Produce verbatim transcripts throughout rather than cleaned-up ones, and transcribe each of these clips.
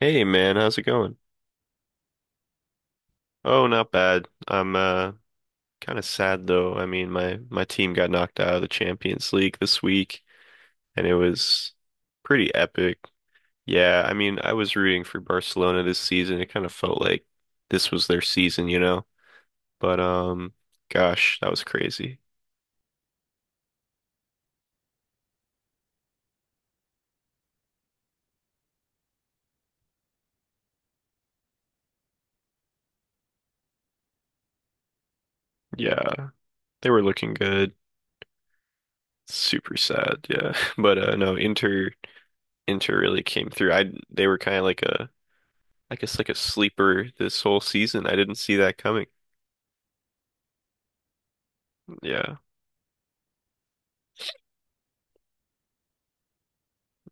Hey man, how's it going? Oh, not bad. I'm uh kind of sad though. I mean, my my team got knocked out of the Champions League this week and it was pretty epic. Yeah, I mean, I was rooting for Barcelona this season. It kind of felt like this was their season, you know? But um gosh, that was crazy. Yeah, they were looking good. Super sad, yeah. But uh no, Inter Inter really came through. I They were kind of like a I guess like a sleeper this whole season. I didn't see that coming. Yeah.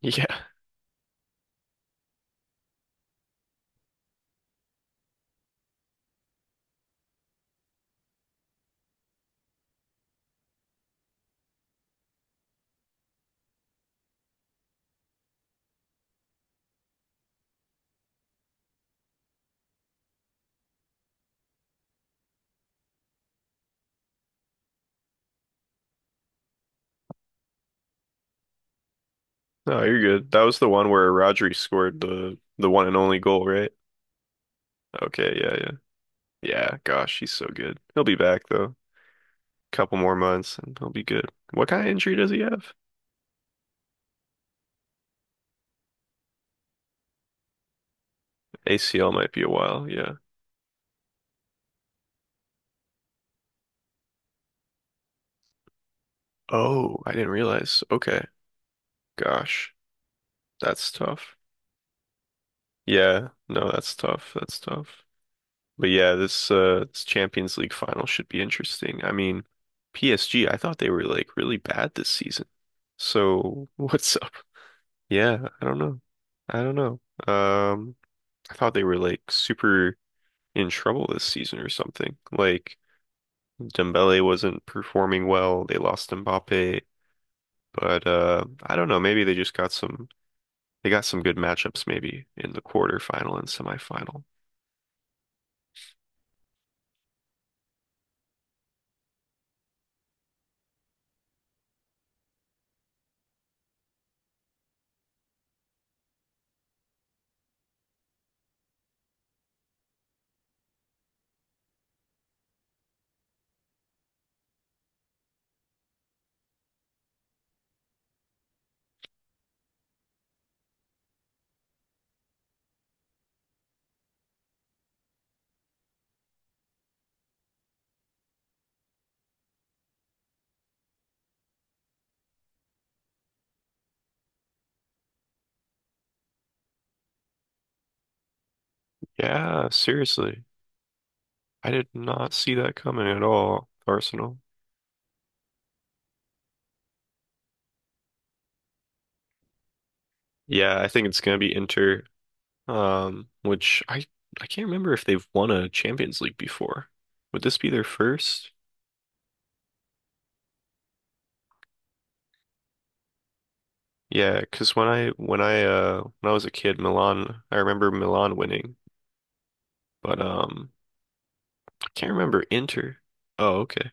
Yeah. No, you're good. That was the one where Rodri scored the the one and only goal, right? Okay, yeah, yeah. Yeah, gosh, he's so good. He'll be back though. Couple more months and he'll be good. What kind of injury does he have? A C L might be a while, yeah. Oh, I didn't realize. Okay. Gosh, that's tough. Yeah, no, that's tough. That's tough. But yeah, this uh this Champions League final should be interesting. I mean, P S G, I thought they were like really bad this season. So what's up? Yeah, I don't know. I don't know. Um, I thought they were like super in trouble this season or something. Like Dembele wasn't performing well. They lost Mbappe, but uh, I don't know. Maybe they just got some. They got some good matchups maybe in the quarterfinal and semifinal. Yeah, seriously, I did not see that coming at all. Arsenal. Yeah, I think it's gonna be Inter. Um, which I I can't remember if they've won a Champions League before. Would this be their first? Yeah, cause when I when I uh when I was a kid, Milan, I remember Milan winning, but um I can't remember Inter. Oh, okay.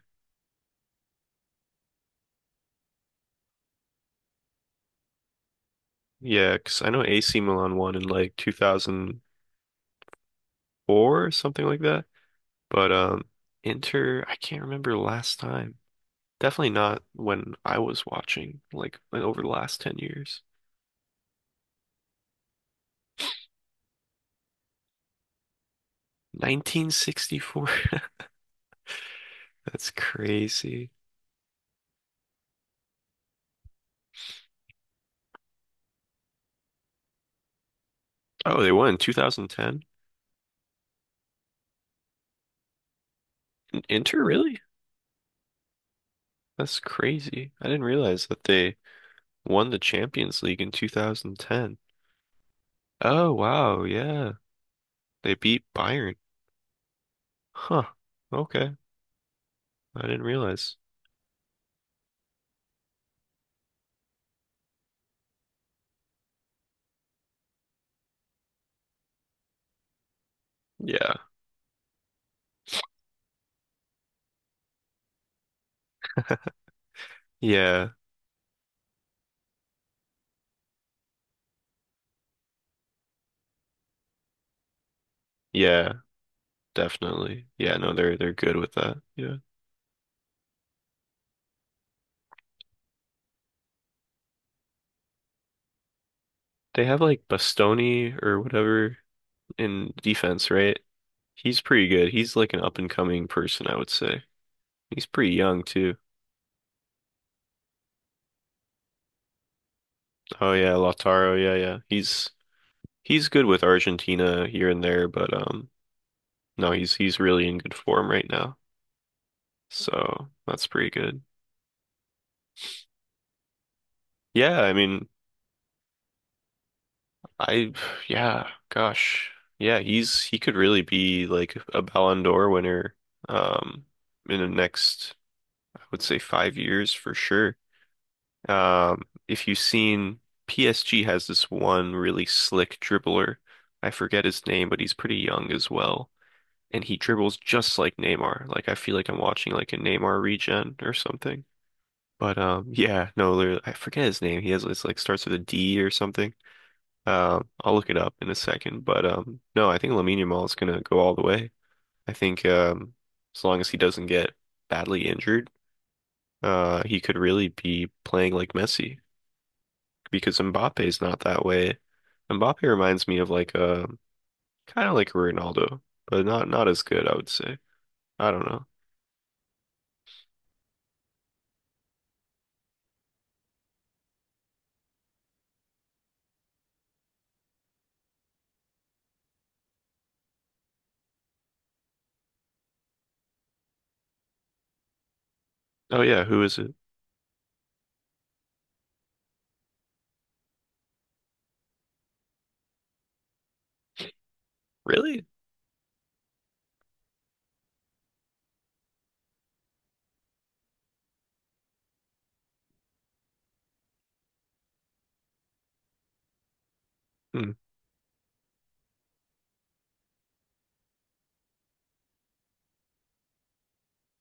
Yeah, cause I know A C Milan won in like two thousand four or something like that. But um Inter, I can't remember last time. Definitely not when I was watching like like over the last ten years. nineteen sixty-four. That's crazy. Oh, they won in twenty ten. Inter, really? That's crazy. I didn't realize that they won the Champions League in two thousand ten. Oh, wow. Yeah. They beat Bayern. Huh. Okay. I didn't realize. Yeah. Yeah. Yeah. Definitely. Yeah, no, they're they're good with that. Yeah. They have like Bastoni or whatever in defense, right? He's pretty good. He's like an up and coming person, I would say. He's pretty young too. Oh yeah, Lautaro. Yeah, yeah. He's he's good with Argentina here and there, but um no, he's he's really in good form right now. So that's pretty good. Yeah, I mean, I, yeah, gosh. Yeah, he's, he could really be like a Ballon d'Or winner, um, in the next, I would say five years for sure. Um, if you've seen P S G has this one really slick dribbler. I forget his name, but he's pretty young as well. And he dribbles just like Neymar. Like I feel like I'm watching like a Neymar regen or something. But um yeah, no, literally, I forget his name. He has it's like starts with a D or something. Um, I'll look it up in a second, but um, no, I think Lamine Yamal is gonna go all the way. I think um, as long as he doesn't get badly injured, uh, he could really be playing like Messi because Mbappe's not that way. Mbappe reminds me of like a kind of like a Ronaldo, but not not as good, I would say. I don't know. Oh yeah, who is it? Really? Hmm,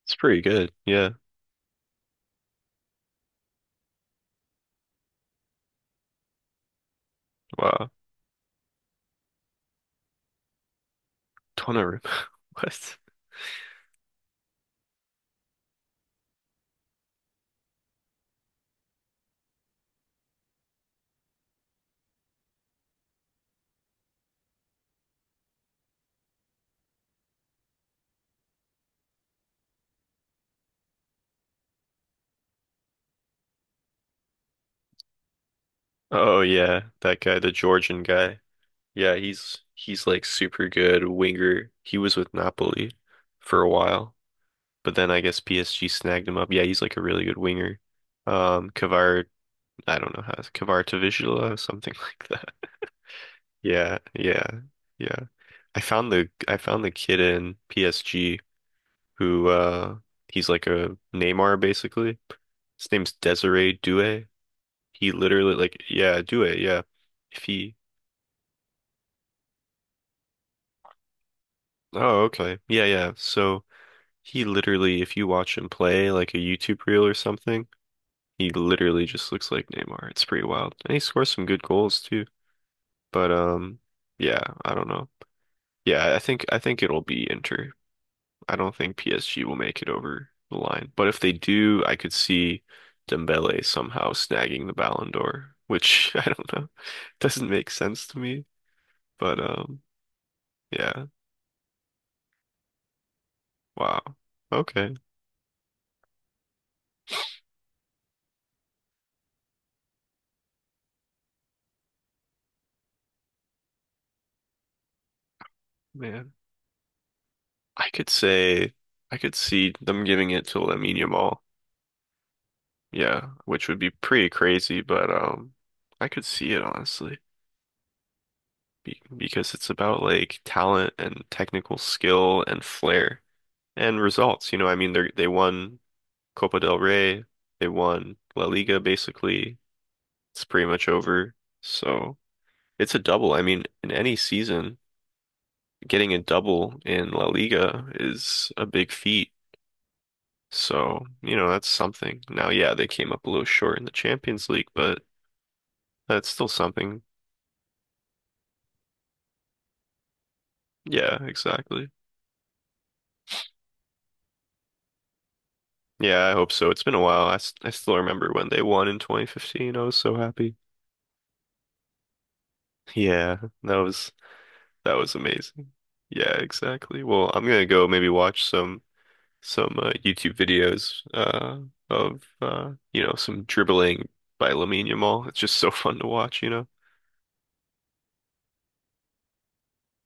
it's pretty good. Yeah. Wow. Donnarumma. What? Oh yeah, that guy, the Georgian guy. Yeah, he's he's like super good winger. He was with Napoli for a while, but then I guess P S G snagged him up. Yeah, he's like a really good winger. Um, Kvar, I don't know how Kvaratavishvili or something like that. Yeah, yeah, yeah. I found the I found the kid in P S G who uh he's like a Neymar basically. His name's Desiree Doué. He literally like yeah, Doué, yeah. If he Oh, okay. Yeah, yeah. So He literally, if you watch him play like a YouTube reel or something, he literally just looks like Neymar. It's pretty wild. And he scores some good goals too. But um yeah, I don't know. Yeah, I think I think it'll be Inter. I don't think P S G will make it over the line. But if they do, I could see Dembele somehow snagging the Ballon d'Or, which I don't know. Doesn't make sense to me. But um yeah. Wow. Okay, man. I could say I could see them giving it to Lamine Yamal. Yeah, which would be pretty crazy, but um I could see it honestly be because it's about like talent and technical skill and flair and results. You know, I mean they they won Copa del Rey, they won La Liga basically. It's pretty much over. So, it's a double. I mean, in any season, getting a double in La Liga is a big feat. So, you know, that's something. Now, yeah, they came up a little short in the Champions League, but that's still something. Yeah, exactly. Yeah, I hope so. It's been a while. I, s- I still remember when they won in twenty fifteen. I was so happy. Yeah, that was that was amazing. Yeah, exactly. Well, I'm gonna go maybe watch some some uh, YouTube videos uh of uh you know some dribbling by Lamine Yamal. It's just so fun to watch, you know.